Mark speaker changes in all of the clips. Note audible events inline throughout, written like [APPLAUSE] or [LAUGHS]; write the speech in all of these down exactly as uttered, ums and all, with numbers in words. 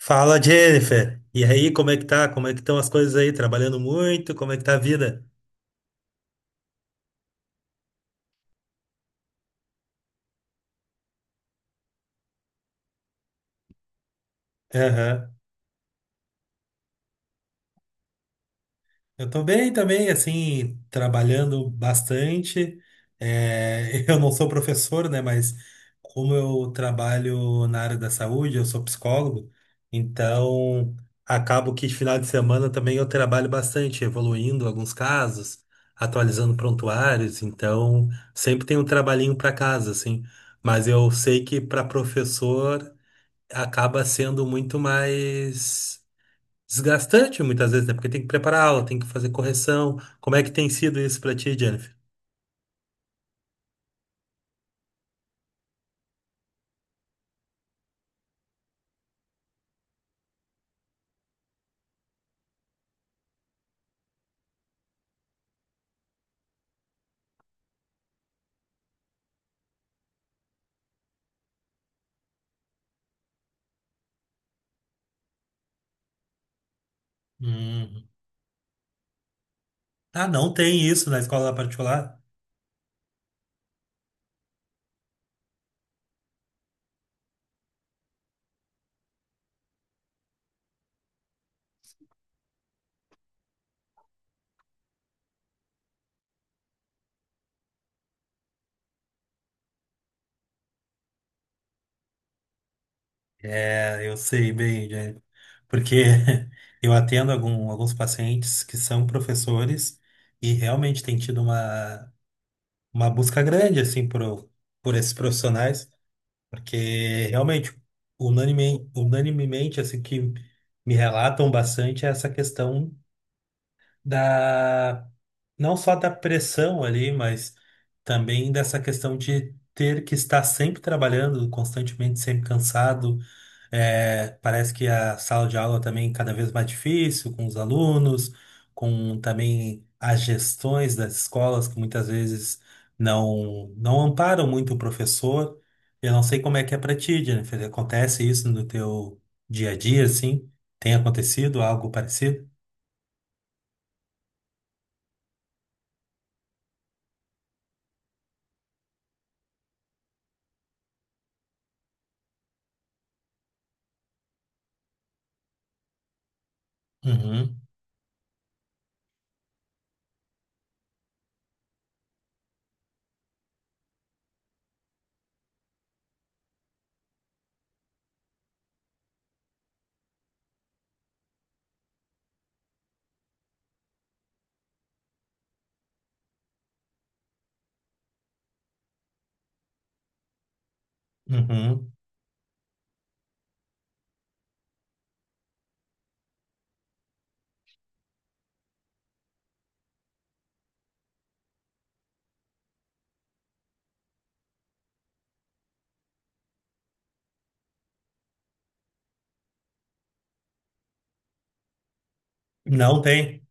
Speaker 1: Fala, Jennifer. E aí, como é que tá? Como é que estão as coisas aí? Trabalhando muito? Como é que tá a vida? Eu tô bem também, assim, trabalhando bastante. É, [LAUGHS] eu não sou professor, né? Mas como eu trabalho na área da saúde, eu sou psicólogo, então acabo que de final de semana também eu trabalho bastante, evoluindo alguns casos, atualizando prontuários, então sempre tem um trabalhinho para casa, assim. Mas eu sei que para professor acaba sendo muito mais desgastante muitas vezes, né? Porque tem que preparar aula, tem que fazer correção. Como é que tem sido isso pra ti, Jennifer? Uhum. Ah, não tem isso na escola particular? É, eu sei bem, Jennifer. Porque [LAUGHS] eu atendo algum- alguns pacientes que são professores e realmente tem tido uma, uma busca grande, assim, por, por esses profissionais, porque realmente, unanime, unanimemente, assim, que me relatam bastante é essa questão da não só da pressão ali, mas também dessa questão de ter que estar sempre trabalhando, constantemente, sempre cansado. É, parece que a sala de aula também é cada vez mais difícil com os alunos, com também as gestões das escolas que muitas vezes não não amparam muito o professor. Eu não sei como é que é para ti, Jennifer. Acontece isso no teu dia a dia, assim? Tem acontecido algo parecido? Uhum, uhum. Não tem.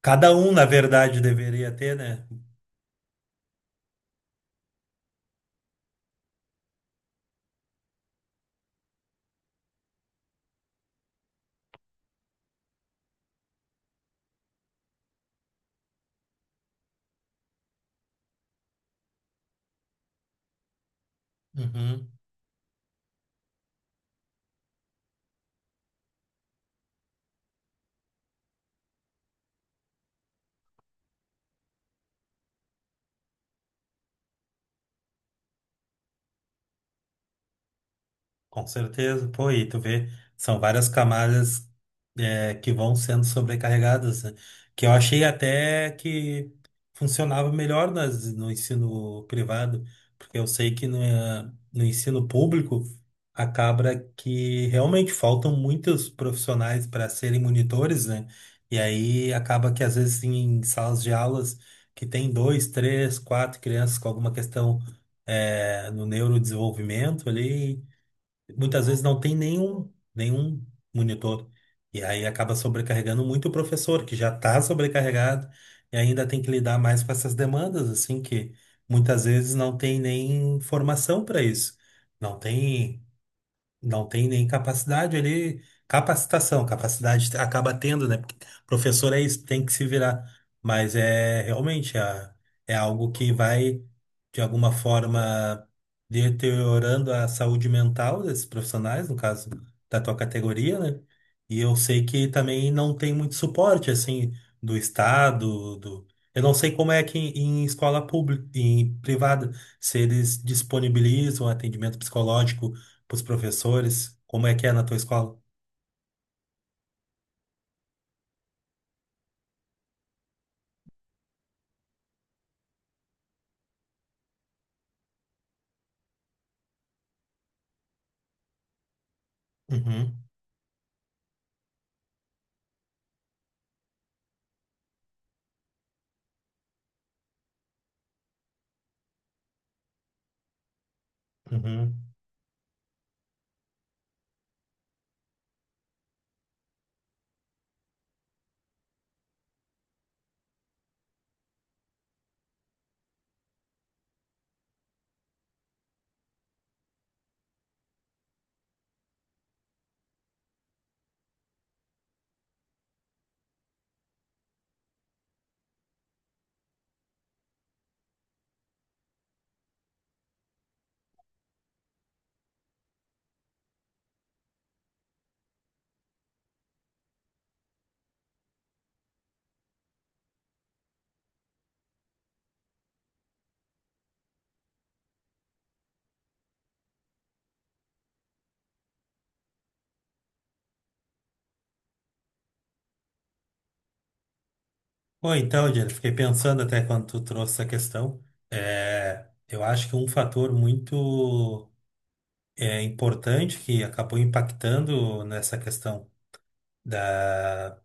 Speaker 1: Cada um, na verdade, deveria ter, né? Uhum. Com certeza, pô, e tu vê, são várias camadas, é, que vão sendo sobrecarregadas, né? Que eu achei até que funcionava melhor nas, no ensino privado, porque eu sei que no, eh, no ensino público acaba que realmente faltam muitos profissionais para serem monitores, né? E aí acaba que às vezes em salas de aulas que tem dois, três, quatro crianças com alguma questão eh, no neurodesenvolvimento ali muitas vezes não tem nenhum, nenhum monitor. E aí acaba sobrecarregando muito o professor, que já está sobrecarregado e ainda tem que lidar mais com essas demandas, assim, que muitas vezes não tem nem formação para isso. Não tem, não tem nem capacidade ali, capacitação, capacidade acaba tendo, né? Porque professor é isso, tem que se virar. Mas é realmente, é, é algo que vai, de alguma forma, deteriorando a saúde mental desses profissionais, no caso da tua categoria, né? E eu sei que também não tem muito suporte, assim, do Estado, do... Eu não sei como é que em, em escola pública, em privada, se eles disponibilizam atendimento psicológico para os professores? Como é que é na tua escola? Uhum, uhum. Bom, então, Jennifer, fiquei pensando até quando tu trouxe essa questão. É, eu acho que um fator muito, é, importante, que acabou impactando nessa questão da.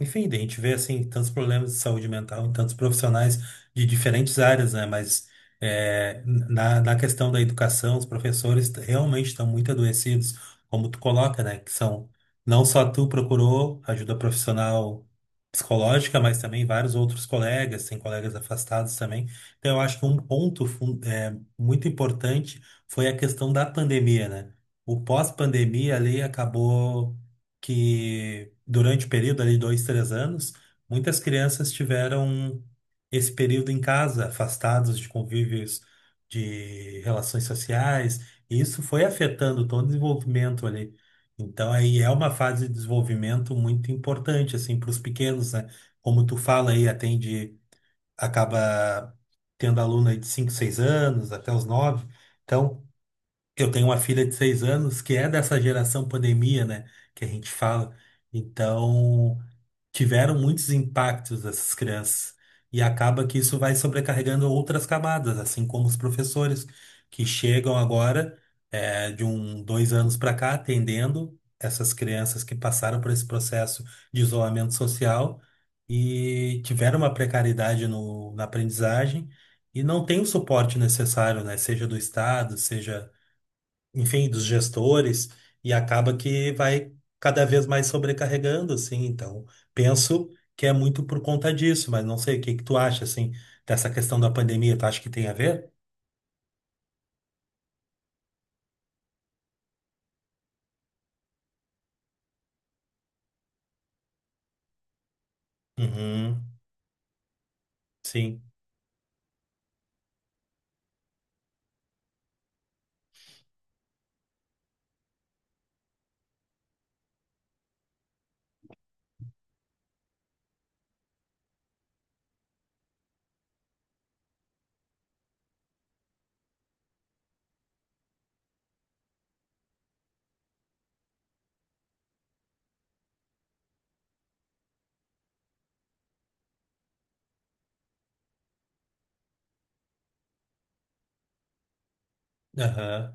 Speaker 1: Enfim, daí a gente vê assim tantos problemas de saúde mental em tantos profissionais de diferentes áreas, né? Mas é, na, na questão da educação, os professores, t- realmente estão muito adoecidos, como tu coloca, né? Que são, não só tu procurou ajuda profissional psicológica, mas também vários outros colegas, tem colegas afastados também. Então eu acho que um ponto, fun- é, muito importante, foi a questão da pandemia, né? O pós-pandemia ali acabou que durante o período ali de dois, três anos, muitas crianças tiveram esse período em casa, afastados de convívios, de relações sociais, e isso foi afetando todo o desenvolvimento ali. Então aí é uma fase de desenvolvimento muito importante assim para os pequenos, né? Como tu fala aí, atende, acaba tendo aluno aí de cinco seis anos até os nove, então eu tenho uma filha de seis anos que é dessa geração pandemia, né? Que a gente fala. Então, tiveram muitos impactos essas crianças. E acaba que isso vai sobrecarregando outras camadas, assim como os professores que chegam agora, eh, de um, dois anos para cá, atendendo essas crianças que passaram por esse processo de isolamento social e tiveram uma precariedade no, na aprendizagem e não tem o suporte necessário, né? Seja do Estado, seja enfim, dos gestores, e acaba que vai cada vez mais sobrecarregando, assim. Então, penso que é muito por conta disso, mas não sei, o que que tu acha, assim, dessa questão da pandemia? Tu acha que tem a ver? Uhum, sim, aham,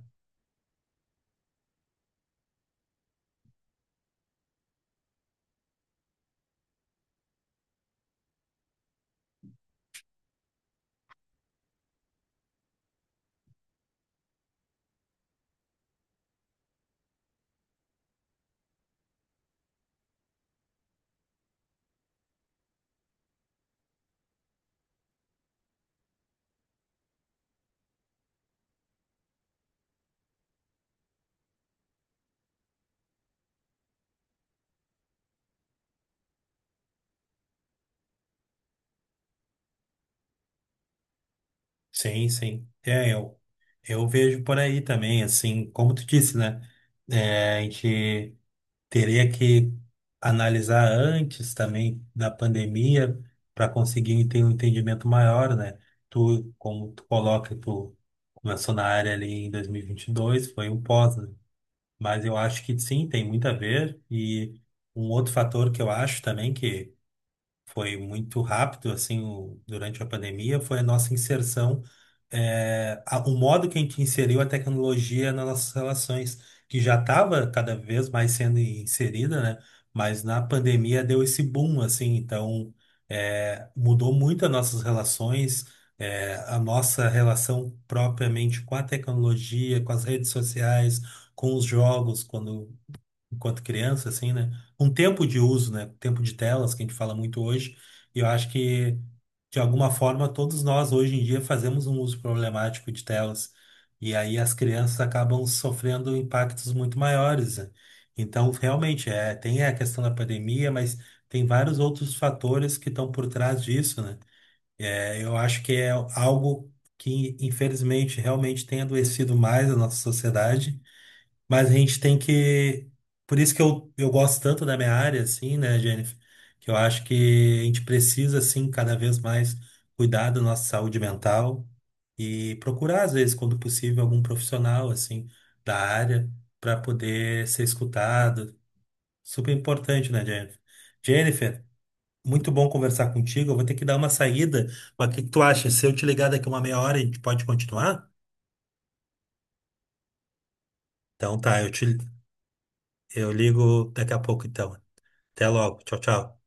Speaker 1: sim, sim. É, eu, eu vejo por aí também, assim, como tu disse, né? É, a gente teria que analisar antes também da pandemia para conseguir ter um entendimento maior, né? Tu, como tu coloca, tu começou na área ali em dois mil e e vinte e dois, foi um pós, né? Mas eu acho que sim, tem muito a ver. E um outro fator que eu acho também que foi muito rápido assim o- durante a pandemia foi a nossa inserção, é, a- o modo que a gente inseriu a tecnologia nas nossas relações, que já estava cada vez mais sendo inserida, né? Mas na pandemia deu esse boom, assim. Então, é, mudou muito as nossas relações, é, a nossa relação propriamente com a tecnologia, com as redes sociais, com os jogos, quando enquanto criança, assim, né? Um tempo de uso, né? Tempo de telas, que a gente fala muito hoje. E eu acho que, de alguma forma, todos nós, hoje em dia, fazemos um uso problemático de telas. E aí as crianças acabam sofrendo impactos muito maiores, né? Então, realmente, é, tem a questão da pandemia, mas tem vários outros fatores que estão por trás disso, né? É, eu acho que é algo que, infelizmente, realmente tem adoecido mais a nossa sociedade, mas a gente tem que. Por isso que eu, eu gosto tanto da minha área, assim, né, Jennifer? Que eu acho que a gente precisa, assim, cada vez mais cuidar da nossa saúde mental e procurar, às vezes, quando possível, algum profissional, assim, da área, para poder ser escutado. Super importante, né, Jennifer? Jennifer, muito bom conversar contigo. Eu vou ter que dar uma saída, mas o que que tu acha? Se eu te ligar daqui uma meia hora, a gente pode continuar? Então tá, eu te, eu ligo daqui a pouco, então. Até logo. Tchau, tchau.